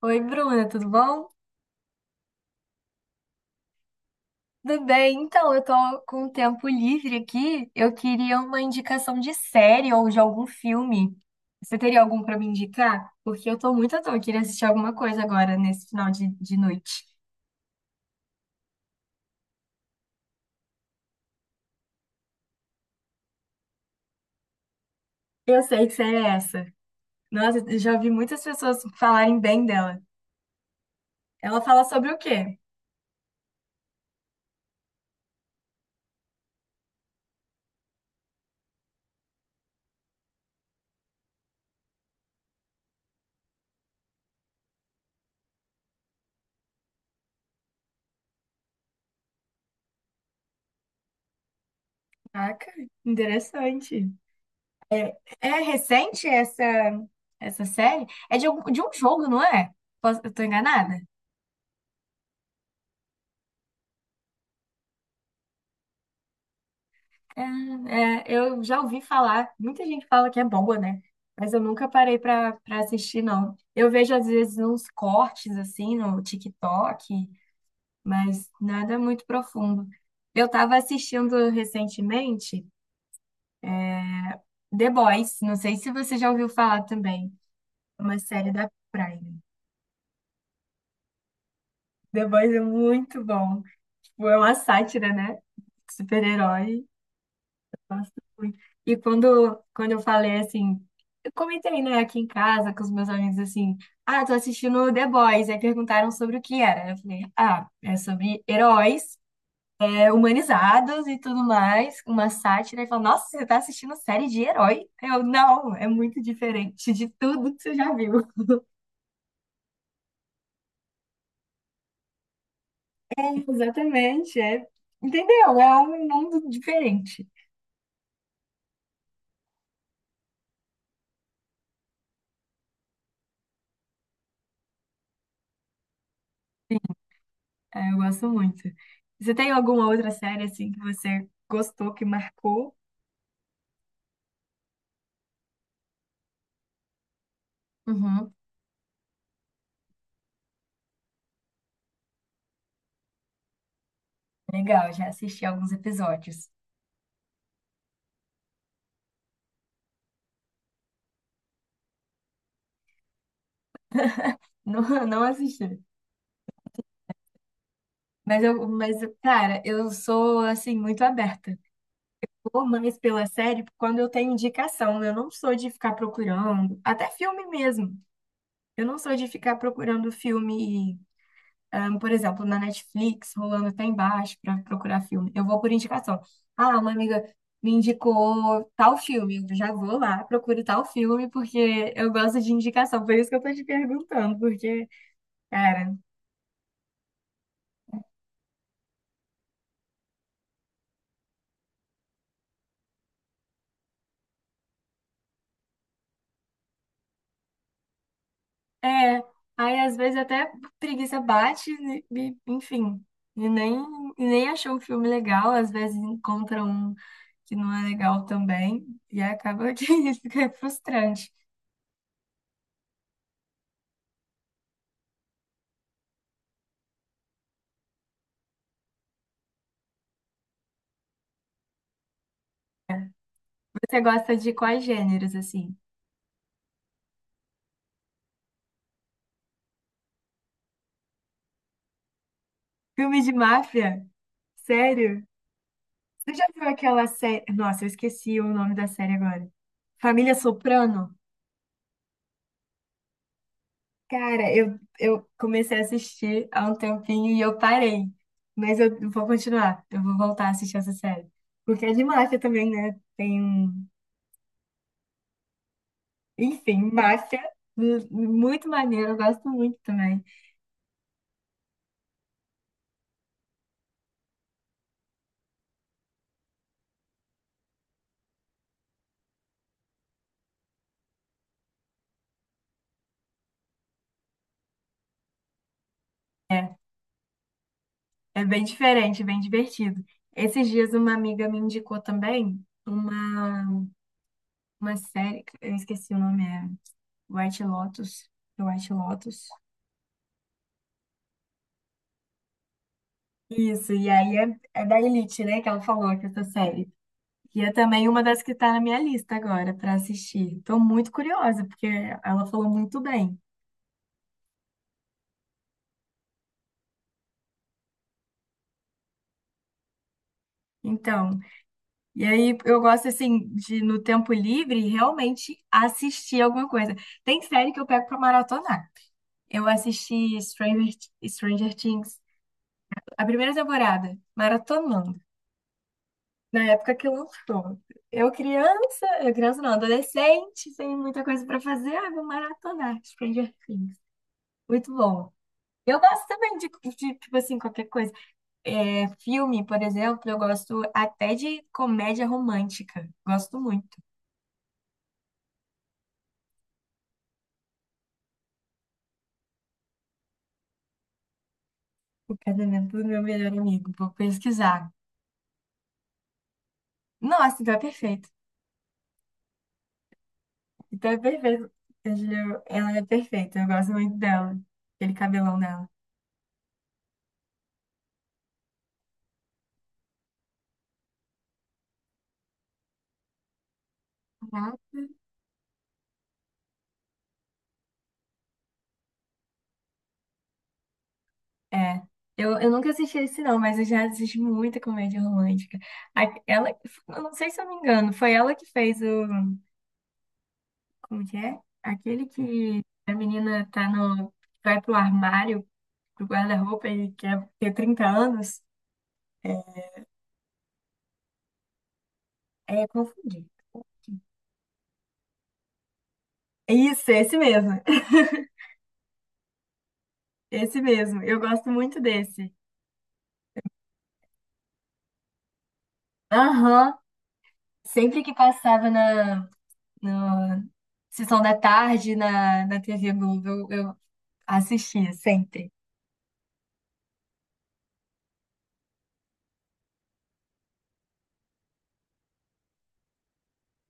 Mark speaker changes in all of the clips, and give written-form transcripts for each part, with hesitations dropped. Speaker 1: Oi, Bruna, tudo bom? Tudo bem? Eu tô com um tempo livre aqui. Eu queria uma indicação de série ou de algum filme. Você teria algum pra me indicar? Porque eu tô muito à toa, eu queria assistir alguma coisa agora nesse final de noite. Eu sei que série é essa. Nossa, eu já vi muitas pessoas falarem bem dela. Ela fala sobre o quê? Caraca, interessante. É recente essa série? É de um jogo, não é? Eu tô enganada? É, é, eu já ouvi falar, muita gente fala que é boa, né? Mas eu nunca parei pra para assistir, não. Eu vejo às vezes uns cortes assim no TikTok, mas nada muito profundo. Eu tava assistindo recentemente The Boys, não sei se você já ouviu falar também. É uma série da Prime. The Boys é muito bom, tipo, é uma sátira, né? Super-herói. Gosto muito. E quando eu falei assim, eu comentei, né, aqui em casa com os meus amigos assim, ah, tô assistindo The Boys, aí perguntaram sobre o que era. Eu falei, ah, é sobre heróis, é, humanizados e tudo mais, uma sátira. E falou, nossa, você tá assistindo série de herói? Eu, não, é muito diferente de tudo que você já viu. Exatamente, é, entendeu? É um mundo diferente. É, eu gosto muito. Você tem alguma outra série assim que você gostou, que marcou? Uhum. Legal, já assisti alguns episódios. Não, não assisti. Mas cara, eu sou assim muito aberta. Ou mais pela série, quando eu tenho indicação, eu não sou de ficar procurando, até filme mesmo. Eu não sou de ficar procurando filme, por exemplo, na Netflix, rolando até embaixo para procurar filme. Eu vou por indicação. Ah, uma amiga me indicou tal filme, eu já vou lá, procuro tal filme porque eu gosto de indicação. Por isso que eu tô te perguntando, porque cara, é, aí às vezes até preguiça bate, enfim, e nem, e nem achou um filme legal, às vezes encontra um que não é legal também, e acaba que fica frustrante. Você gosta de quais gêneros, assim? Filme de máfia? Sério? Você já viu aquela série? Nossa, eu esqueci o nome da série agora. Família Soprano? Cara, eu comecei a assistir há um tempinho e eu parei. Mas eu vou continuar. Eu vou voltar a assistir essa série. Porque é de máfia também, né? Enfim, máfia. Hum, muito maneiro, eu gosto muito também. É, é bem diferente, bem divertido. Esses dias uma amiga me indicou também uma série, eu esqueci o nome, é White Lotus. É White Lotus. Isso, e aí é, é da Elite, né, que ela falou que essa série. E é também uma das que está na minha lista agora para assistir. Estou muito curiosa, porque ela falou muito bem. Então, e aí eu gosto assim de no tempo livre realmente assistir alguma coisa. Tem série que eu pego para maratonar. Eu assisti Stranger Things, a primeira temporada, maratonando, na época que lançou. Eu criança não, adolescente, sem muita coisa para fazer, ah, vou maratonar Stranger Things. Muito bom. Eu gosto também tipo assim, qualquer coisa. É, filme, por exemplo, eu gosto até de comédia romântica. Gosto muito. O casamento do meu melhor amigo. Vou pesquisar. Nossa, então é perfeito. Então é perfeito. A Julia, ela é perfeita. Eu gosto muito dela. Aquele cabelão dela. Uhum. É. Eu nunca assisti esse, não, mas eu já assisti muita comédia romântica. Ela, eu não sei se eu me engano, foi ela que fez o. Como que é? Aquele que a menina tá no. Vai pro armário do guarda-roupa e quer ter 30 anos, é confundido. Isso, esse mesmo. Esse mesmo. Eu gosto muito desse. Aham. Sempre que passava na Sessão da Tarde na TV Globo, eu assistia, sempre.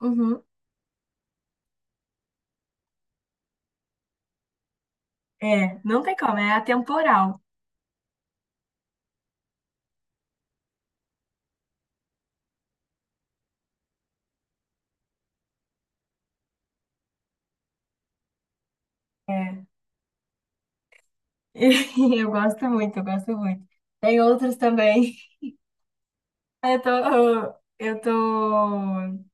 Speaker 1: Uhum. É, não tem como, é atemporal. É. Eu gosto muito, eu gosto muito. Tem outros também. Eu tô, eu tô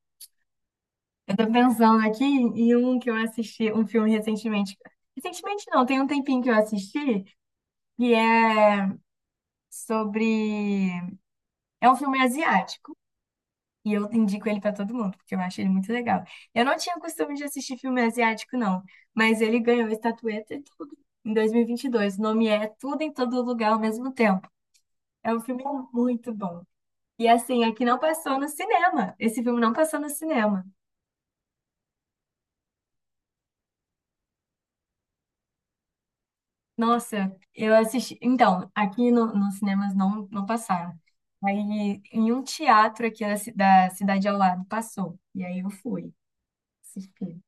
Speaker 1: Eu tô pensando aqui em um que eu assisti, um filme recentemente. Recentemente não, tem um tempinho que eu assisti, e é sobre. É um filme asiático, e eu indico ele pra todo mundo, porque eu acho ele muito legal. Eu não tinha costume de assistir filme asiático, não, mas ele ganhou estatueta e tudo em 2022. O nome é Tudo em Todo Lugar ao Mesmo Tempo. É um filme muito bom. E assim, aqui não passou no cinema. Esse filme não passou no cinema. Nossa, eu assisti. Então, aqui nos cinemas não, não passaram. Aí, em um teatro aqui da, da cidade ao lado, passou. E aí eu fui assistir.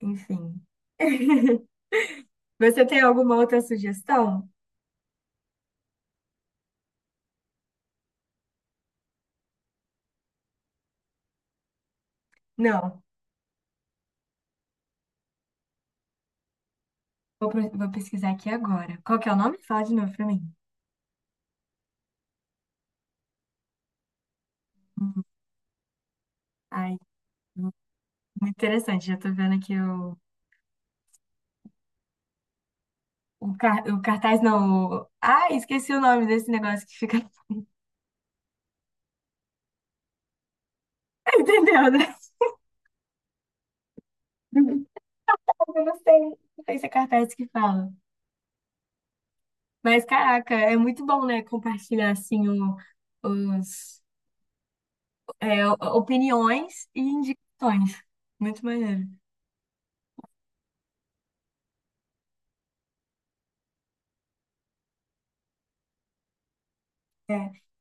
Speaker 1: Enfim. Você tem alguma outra sugestão? Não. Vou pesquisar aqui agora. Qual que é o nome? Fala de novo pra mim. Hum, Ai, muito interessante. Já tô vendo aqui o cartaz, não. Ai, esqueci o nome desse negócio que fica. Entendeu, né? Eu não sei. Não sei se é cartaz que fala. Mas, caraca, é muito bom, né? Compartilhar, assim, os, é, opiniões e indicações. Muito maneiro.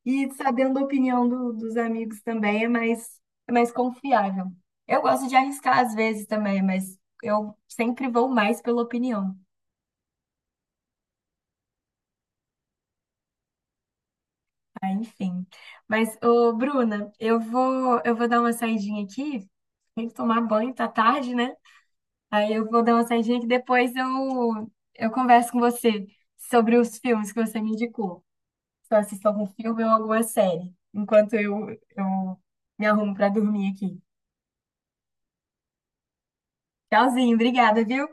Speaker 1: E sabendo a opinião dos amigos também é mais confiável. Eu gosto de arriscar às vezes também, mas eu sempre vou mais pela opinião. Ah, enfim. Mas, ô, Bruna, eu vou dar uma saidinha aqui. Tem que tomar banho, tá tarde, né? Aí eu vou dar uma saidinha que depois eu converso com você sobre os filmes que você me indicou. Se eu assisto algum filme ou alguma série. Enquanto eu me arrumo para dormir aqui. Tchauzinho, obrigada, viu?